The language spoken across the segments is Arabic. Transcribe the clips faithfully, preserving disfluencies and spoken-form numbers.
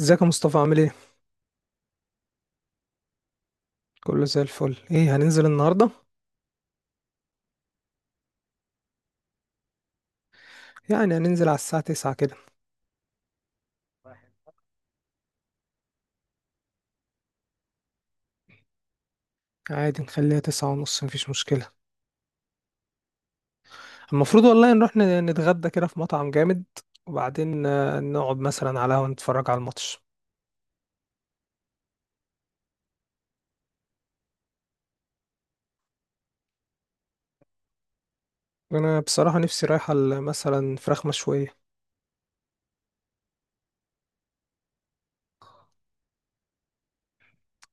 ازيك يا مصطفى عامل ايه؟ كله زي الفل. ايه هننزل النهاردة؟ يعني هننزل على الساعة تسعة كده. عادي نخليها تسعة ونص، مفيش مشكلة. المفروض والله نروح ن- نتغدى كده في مطعم جامد، وبعدين آه، نقعد مثلا على قهوة نتفرج على الماتش. انا بصراحة نفسي رايحة ل- مثلا فراخ مشوية.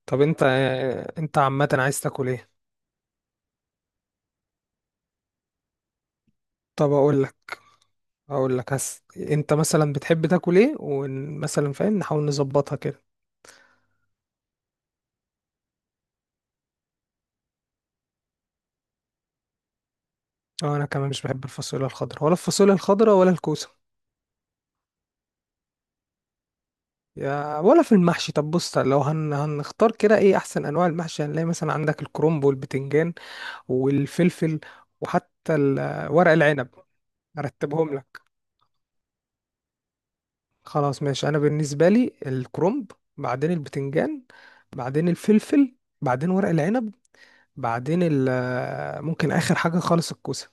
طب انت آه، انت عامة عايز تاكل ايه؟ طب اقول لك اقول لك هس انت مثلا بتحب تاكل ايه، ومثلا فاهم نحاول نظبطها كده. اه انا كمان مش بحب الفاصوليا الخضراء ولا الفاصوليا الخضراء ولا الكوسة. يا ولا في المحشي. طب بص، لو هن... هنختار كده ايه احسن انواع المحشي، هنلاقي مثلا عندك الكرنب والبتنجان والفلفل، وحتى ال- ورق العنب. ارتبهم لك. خلاص ماشي. انا بالنسبه لي الكرنب، بعدين البتنجان، بعدين الفلفل، بعدين ورق العنب، بعدين ال... ممكن اخر حاجه خالص الكوسه.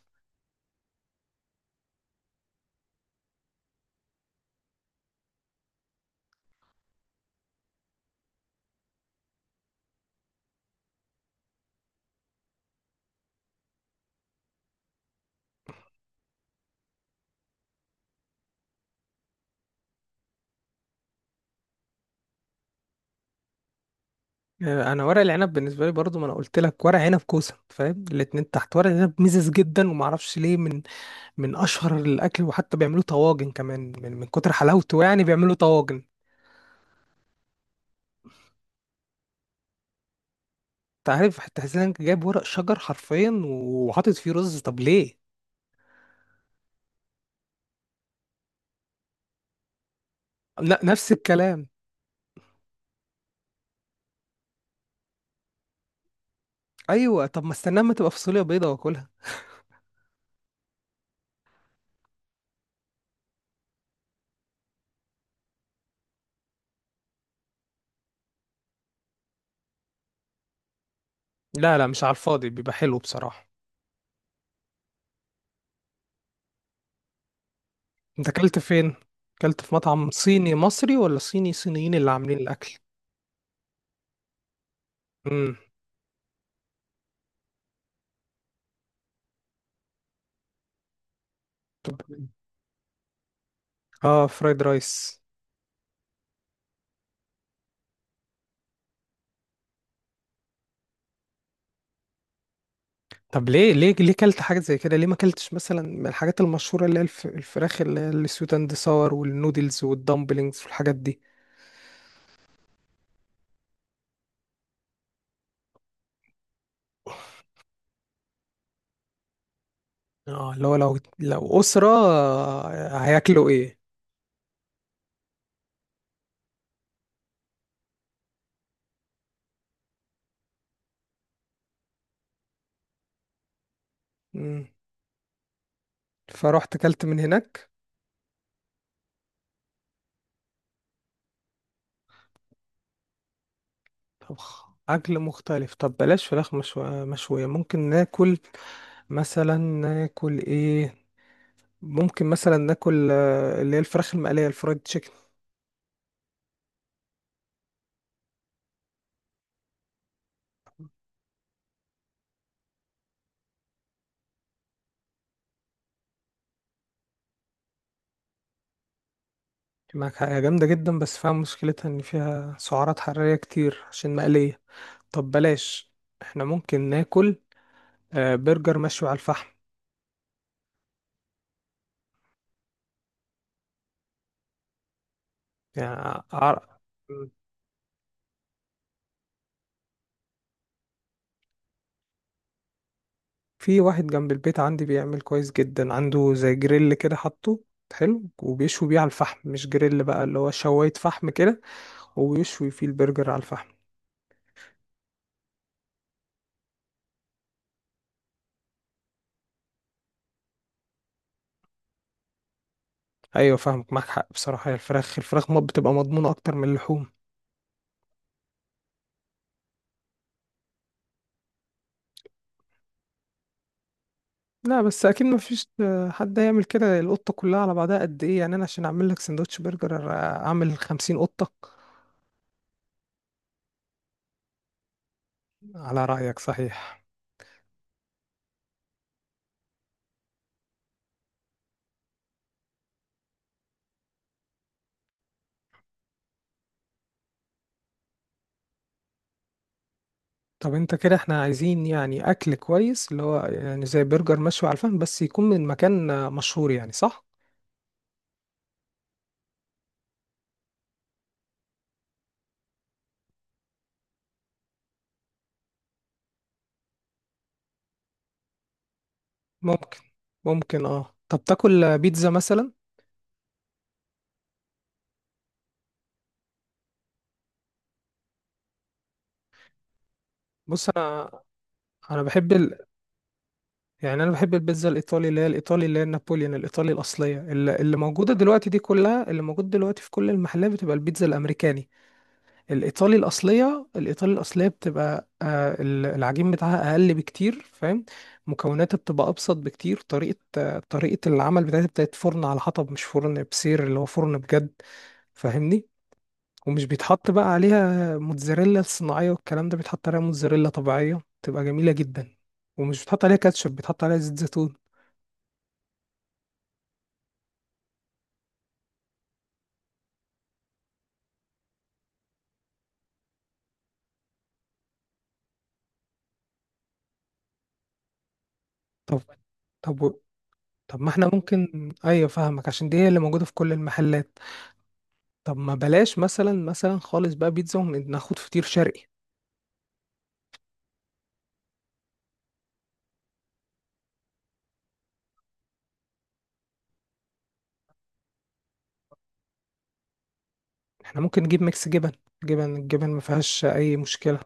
آه، انا ورق العنب بالنسبه لي برضو، ما انا قلت لك ورق عنب كوسه، فاهم الاتنين تحت. ورق العنب مزز جدا، وما اعرفش ليه، من من اشهر الاكل، وحتى بيعملوا طواجن كمان من, من كتر حلاوته، يعني بيعملوا طواجن. انت عارف حتى حسين، إنك جايب ورق شجر حرفيا وحاطط فيه رز؟ طب ليه؟ لا، نفس الكلام. ايوه، طب ما استناه ما تبقى فاصوليا بيضه واكلها. لا لا، مش على الفاضي، بيبقى حلو بصراحه. انت اكلت فين؟ اكلت في مطعم صيني مصري، ولا صيني صينيين اللي عاملين الاكل؟ امم. طب. اه، فرايد رايس. طب ليه ليه ليه كلت حاجة زي كده؟ ليه ما كلتش مثلا من الحاجات المشهورة، اللي هي الف- الفراخ اللي هي السويت اند ساور، والنودلز، والدمبلينجز، والحاجات دي؟ اه، اللي هو لو لو أسرة، آه، هياكلوا ايه؟ مم. فروحت كلت من هناك. طب خ- أكل مختلف. طب بلاش فراخ مشو- مشوية. ممكن ناكل مثلا، ناكل ايه؟ ممكن مثلا ناكل، آه، اللي هي الفراخ المقلية، الفرايد تشيكن. معاك حاجة جامدة جدا، بس فيها مشكلتها ان فيها سعرات حرارية كتير عشان مقلية. طب بلاش. احنا ممكن ناكل، آه، برجر مشوي على الفحم. يعني أع- في واحد جنب البيت عندي بيعمل كويس جدا. عنده زي جريل كده حاطه، حلو، وبيشوي بيه على الفحم. مش جريل بقى، اللي هو شواية فحم كده، وبيشوي فيه البرجر على الفحم. ايوه فاهمك، معاك حق بصراحة. هي الفراخ الفراخ ما بتبقى مضمونة اكتر من اللحوم. لا بس اكيد ما فيش، آه، حد هيعمل كده. القطة كلها على بعضها قد ايه يعني؟ انا عشان اعمل لك سندوتش برجر، آه، اعمل خمسين قطة. على رأيك، صحيح. طب انت كده، احنا عايزين يعني اكل كويس، اللي هو يعني زي برجر مشوي على الفحم، بس يكون من مكان، آه، مشهور يعني، صح؟ ممكن ممكن اه، طب تاكل، آه، بيتزا مثلا؟ بص انا انا بحب ال... يعني انا بحب البيتزا الايطالي. اللي هي الايطالي، اللي هي النابوليان الايطالي الاصليه، اللي, اللي موجوده دلوقتي. دي كلها اللي موجود دلوقتي في كل المحلات، بتبقى البيتزا الامريكاني. الايطالي الاصليه، الايطالي الاصليه بتبقى آه، ال- العجين بتاعها اقل بكتير، فاهم؟ مكوناتها بتبقى ابسط بكتير. طريقه آه، طريقه العمل بتاعتها بتاعت فرن على حطب، مش فرن بسير، اللي هو فرن بجد. فاهمني. ومش بيتحط بقى عليها موتزاريلا صناعيه والكلام ده، بيتحط عليها موتزاريلا طبيعيه، تبقى جميله جدا. ومش بيتحط عليها كاتشب، بيتحط عليها زيت زيتون. طب طب طب، ما احنا ممكن، ايوه فاهمك، عشان دي هي اللي موجوده في كل المحلات. طب ما بلاش مثلا مثلا خالص بقى بيتزا، وناخد فطير شرقي. احنا ممكن نجيب ميكس جبن. جبن، الجبن ما فيهاش اي مشكلة.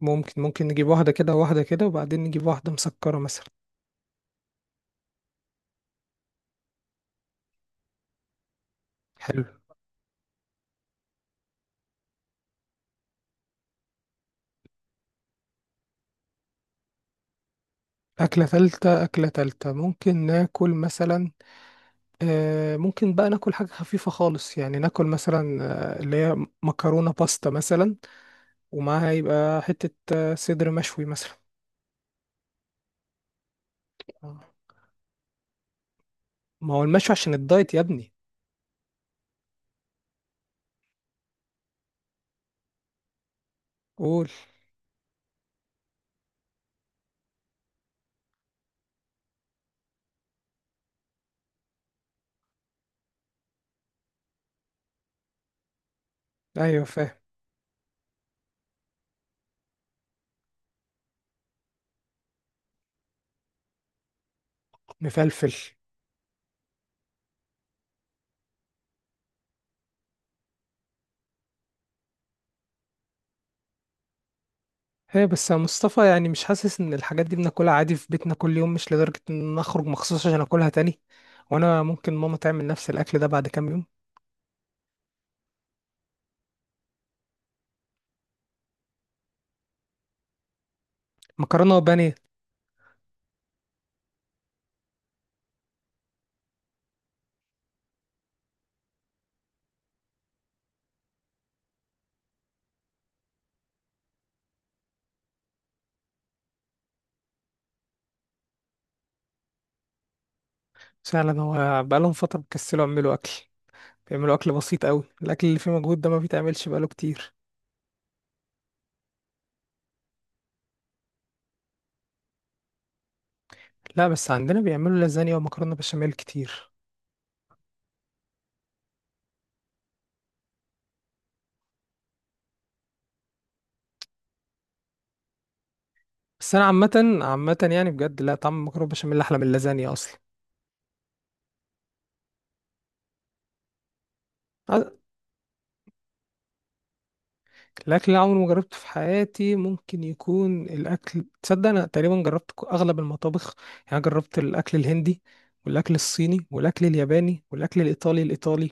ممكن ممكن نجيب واحدة كده وواحدة كده، وبعدين نجيب واحدة مسكرة مثلا. حلو. أكلة تالتة أكلة تالتة ممكن ناكل مثلا، آه ممكن بقى ناكل حاجة خفيفة خالص يعني. ناكل مثلا آه، اللي هي مكرونة باستا مثلا، ومعاها يبقى حتة آه صدر مشوي مثلا. آه. ما هو المشوي عشان الدايت يا ابني. قول. أيوة فاهم. مفلفل. هي بس يا مصطفى، يعني مش حاسس ان الحاجات دي بناكلها عادي في بيتنا كل يوم؟ مش لدرجة ان اخرج مخصوص عشان اكلها تاني، وانا ممكن ماما تعمل نفس الاكل ده بعد كام يوم. مكرونة وبانيه. فعلا، هو بقالهم فترة بيكسلوا يعملوا اكل، بيعملوا اكل بسيط قوي. الاكل اللي فيه مجهود ده ما بيتعملش بقاله كتير. لا بس عندنا بيعملوا لازانيا ومكرونة بشاميل كتير. بس انا عامة عامة يعني بجد، لا، طعم المكرونة بشاميل احلى من اللازانيا اصلا. الاكل اللي عمري ما جربته في حياتي ممكن يكون الاكل، تصدق انا تقريبا جربت ك- اغلب المطابخ. يعني جربت الاكل الهندي، والاكل الصيني، والاكل الياباني، والاكل الايطالي الايطالي.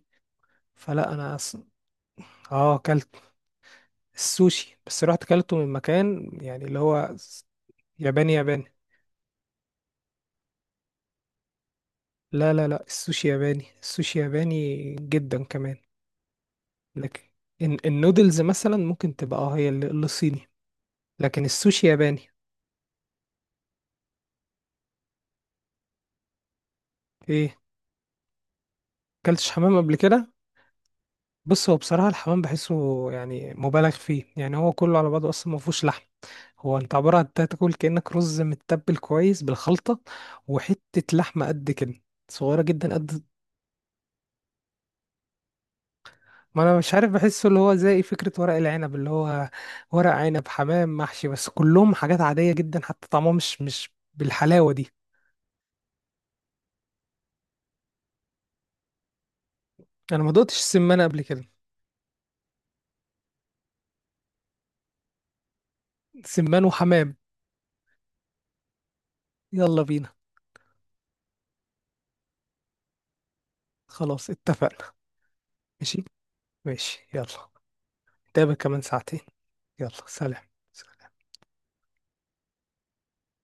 فلا انا أص... اه اكلت السوشي، بس رحت اكلته من مكان يعني اللي هو س- ياباني ياباني. لا لا لا، السوشي ياباني، السوشي ياباني جدا كمان. لكن الن- النودلز مثلا ممكن تبقى، اه، هي اللي اللي صيني. لكن السوشي ياباني. ايه؟ اكلتش حمام قبل كده؟ بص هو بصراحة الحمام بحسه يعني مبالغ فيه. يعني هو كله على بعضه أصلا ما فيهوش لحم. هو أنت عبارة عن تاكل كأنك رز متبل كويس بالخلطة، وحتة لحمة قد كده، صغيرة جدا قد. ما أنا مش عارف، بحسه اللي هو زي فكرة ورق العنب، اللي هو ورق عنب، حمام محشي، بس كلهم حاجات عادية جدا، حتى طعمهم مش مش بالحلاوة دي. أنا ما دقتش سمان قبل كده. سمان وحمام. يلا بينا. خلاص اتفقنا. ماشي ماشي يلا. نتقابل كمان ساعتين. يلا سلام. سلام.